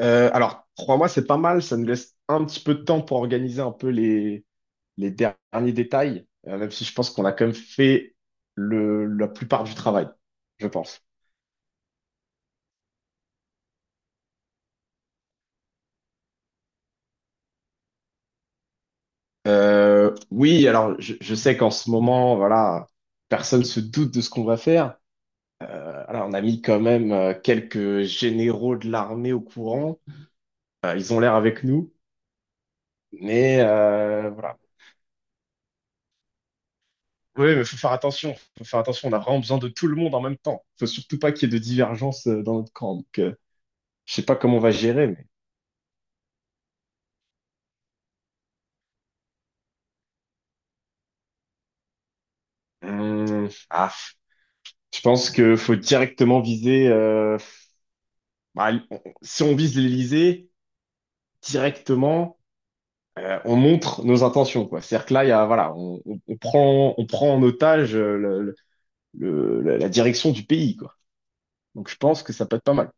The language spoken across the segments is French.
Alors, trois mois, c'est pas mal. Ça nous laisse un petit peu de temps pour organiser un peu les derniers détails, même si je pense qu'on a quand même fait la plupart du travail, je pense. Oui, alors, je sais qu'en ce moment, voilà, personne se doute de ce qu'on va faire. Alors, on a mis quand même quelques généraux de l'armée au courant. Ils ont l'air avec nous. Mais voilà. Oui, mais faut faire attention. Faut faire attention. On a vraiment besoin de tout le monde en même temps. Faut surtout pas qu'il y ait de divergence dans notre camp. Donc, je sais pas comment on va gérer, mais Hum, ah, je pense que faut directement viser. Bah, si on vise l'Élysée directement, on montre nos intentions, quoi. C'est-à-dire que là, il y a, voilà, on prend en otage la direction du pays, quoi. Donc, je pense que ça peut être pas mal.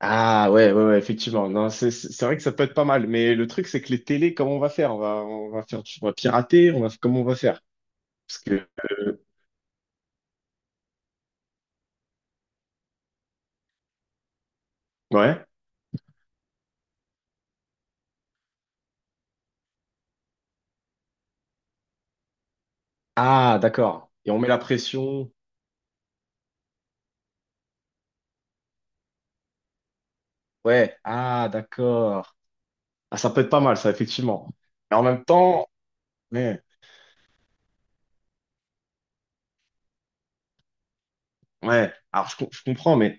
Ah ouais, ouais, ouais, effectivement. Non, c'est vrai que ça peut être pas mal, mais le truc c'est que les télés, comment on va faire? On va faire, on va pirater, on va comment on va faire? Parce que ouais. Ah d'accord. Et on met la pression. Ouais. Ah d'accord. Ah ça peut être pas mal ça effectivement. Mais en même temps, mais ouais. Alors je comprends, mais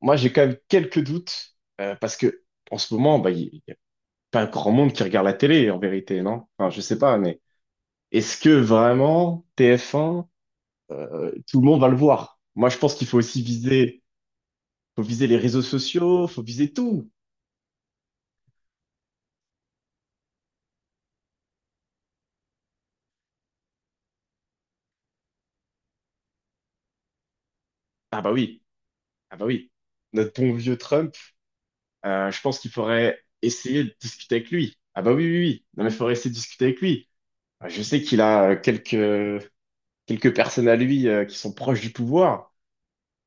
moi j'ai quand même quelques doutes parce que en ce moment, bah y a pas grand monde qui regarde la télé en vérité, non? Enfin je sais pas, mais est-ce que vraiment TF1 tout le monde va le voir. Moi, je pense qu'il faut aussi viser, faut viser les réseaux sociaux, faut viser tout. Ah bah oui, ah bah oui. Notre bon vieux Trump, je pense qu'il faudrait essayer de discuter avec lui. Ah bah oui, oui, oui. Non mais il faudrait essayer de discuter avec lui. Je sais qu'il a quelques personnes à lui qui sont proches du pouvoir.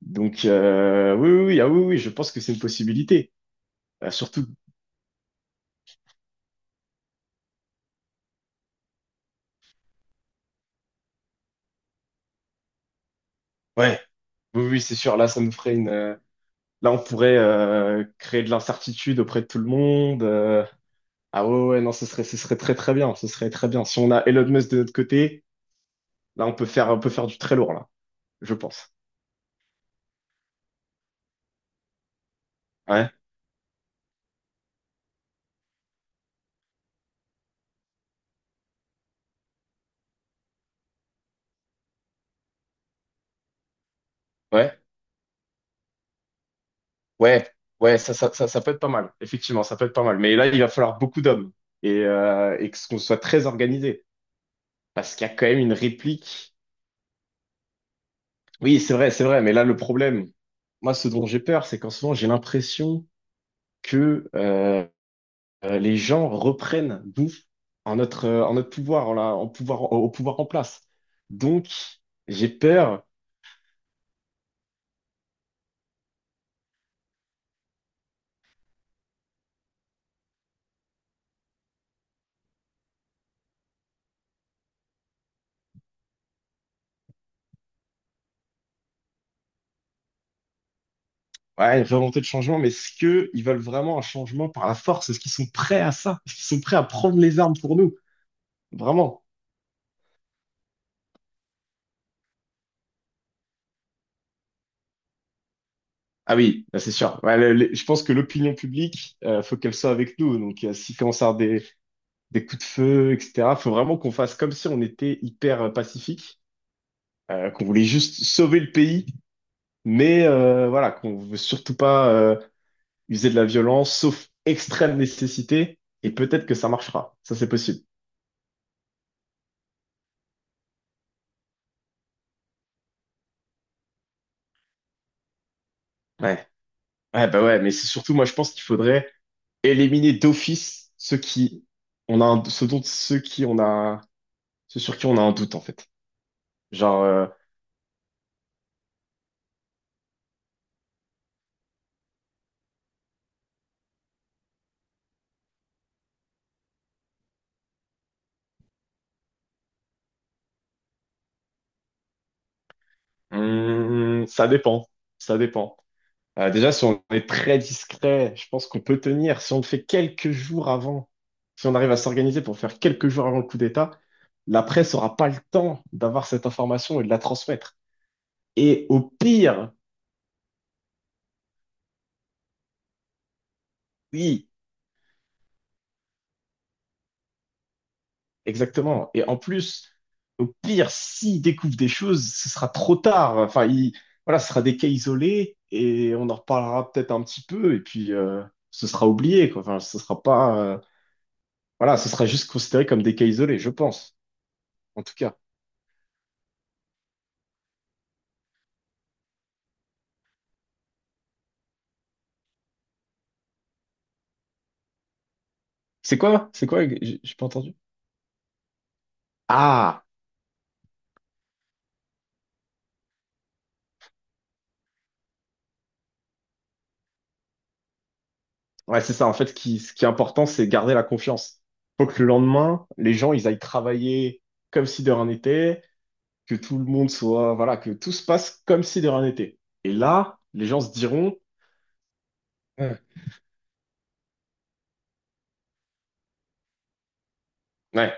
Donc oui, oui, oui, ah oui, oui, je pense que c'est une possibilité. Surtout, ouais, oui, oui, c'est sûr. Là, ça nous ferait une. Là, on pourrait créer de l'incertitude auprès de tout le monde. Ah ouais, ouais, ouais, non, ce serait très très bien. Ce serait très bien. Si on a Elon Musk de notre côté, là, on peut faire du très lourd, là, je pense. Ouais, ouais, ouais, ouais, ça peut être pas mal. Effectivement, ça peut être pas mal. Mais là, il va falloir beaucoup d'hommes et que ce qu'on soit très organisé. Parce qu'il y a quand même une réplique. Oui, c'est vrai, c'est vrai. Mais là, le problème, moi, ce dont j'ai peur, c'est qu'en ce moment, j'ai l'impression que les gens reprennent d'où en notre pouvoir, en pouvoir, au pouvoir en place. Donc, j'ai peur, ouais, une volonté de changement, mais est-ce qu'ils veulent vraiment un changement par la force? Est-ce qu'ils sont prêts à ça? Est-ce qu'ils sont prêts à prendre les armes pour nous? Vraiment? Ah oui, bah, c'est sûr. Ouais, je pense que l'opinion publique, faut qu'elle soit avec nous. Donc, s'il commence à avoir des coups de feu, etc., faut vraiment qu'on fasse comme si on était hyper pacifique, qu'on voulait juste sauver le pays, mais voilà, qu'on veut surtout pas. User de la violence, sauf extrême nécessité, et peut-être que ça marchera. Ça, c'est possible. Ouais. Ouais, bah ouais, mais c'est surtout, moi, je pense qu'il faudrait éliminer d'office ceux qui, on a un, ceux dont, ceux qui on a, ceux sur qui on a un doute, en fait. Genre, ça dépend. Ça dépend. Déjà, si on est très discret, je pense qu'on peut tenir. Si on le fait quelques jours avant, si on arrive à s'organiser pour faire quelques jours avant le coup d'État, la presse n'aura pas le temps d'avoir cette information et de la transmettre. Et au pire, oui, exactement. Et en plus, au pire, s'il découvre des choses, ce sera trop tard. Enfin, il, voilà, ce sera des cas isolés et on en reparlera peut-être un petit peu et puis ce sera oublié, quoi. Enfin, ce sera pas, voilà, ce sera juste considéré comme des cas isolés, je pense, en tout cas. C'est quoi? C'est quoi? J'ai pas entendu. Ah, ouais, c'est ça. En fait, ce qui est important, c'est garder la confiance. Faut que le lendemain, les gens, ils aillent travailler comme si de rien n'était. Que tout le monde soit, voilà, que tout se passe comme si de rien n'était. Et là, les gens se diront, ouais, ouais,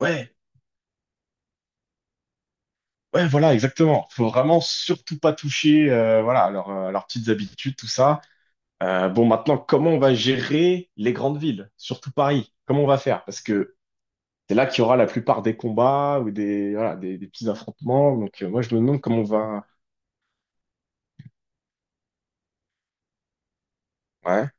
ouais, ouais, voilà, exactement. Faut vraiment surtout pas toucher, voilà, à leurs petites habitudes, tout ça. Bon, maintenant, comment on va gérer les grandes villes, surtout Paris? Comment on va faire? Parce que c'est là qu'il y aura la plupart des combats ou des, voilà, des petits affrontements. Donc, moi, je me demande comment on va. Ouais,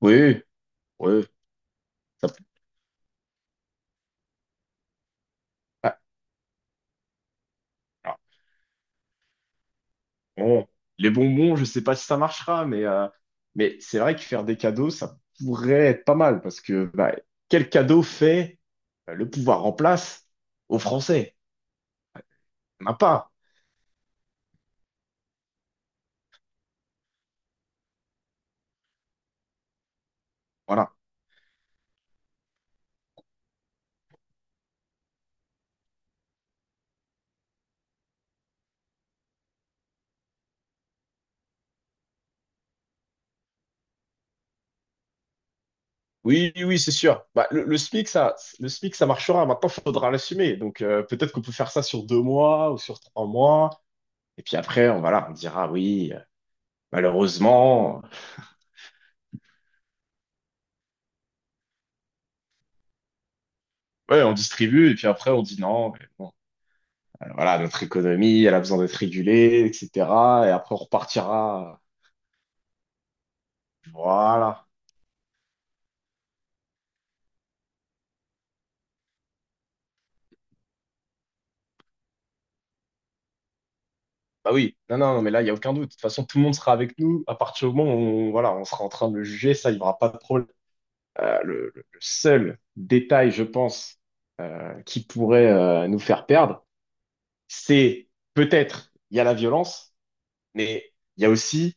oui, oui, ça peut. Ouais. Bon, les bonbons, je sais pas si ça marchera, mais c'est vrai que faire des cadeaux, ça pourrait être pas mal parce que bah, quel cadeau fait le pouvoir en place aux Français? On n'a pas. Voilà. Oui, oui, oui, c'est sûr. Bah, le SMIC, ça, le SMIC, ça marchera. Maintenant, il faudra l'assumer. Donc, peut-être qu'on peut faire ça sur 2 mois ou sur 3 mois. Et puis après, on, voilà, on dira oui, malheureusement. Ouais, on distribue. Et puis après, on dit non. Mais bon. Voilà, notre économie, elle a besoin d'être régulée, etc. Et après, on repartira. Voilà. Bah oui, non, non, non, mais là, il n'y a aucun doute. De toute façon, tout le monde sera avec nous à partir du moment où on, voilà, on sera en train de le juger, ça, il n'y aura pas de problème. Le seul détail, je pense, qui pourrait nous faire perdre, c'est peut-être, il y a la violence, mais il y a aussi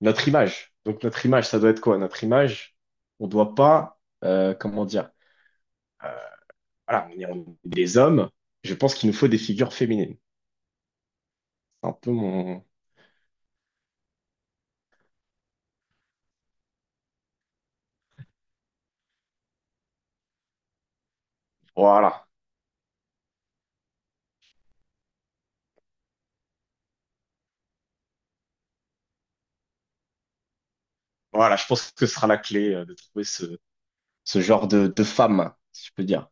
notre image. Donc, notre image, ça doit être quoi? Notre image, on ne doit pas, comment dire, voilà, on est des hommes. Je pense qu'il nous faut des figures féminines. C'est un peu mon. Voilà. Voilà, je pense que ce sera la clé de trouver ce genre de femme, si je peux dire.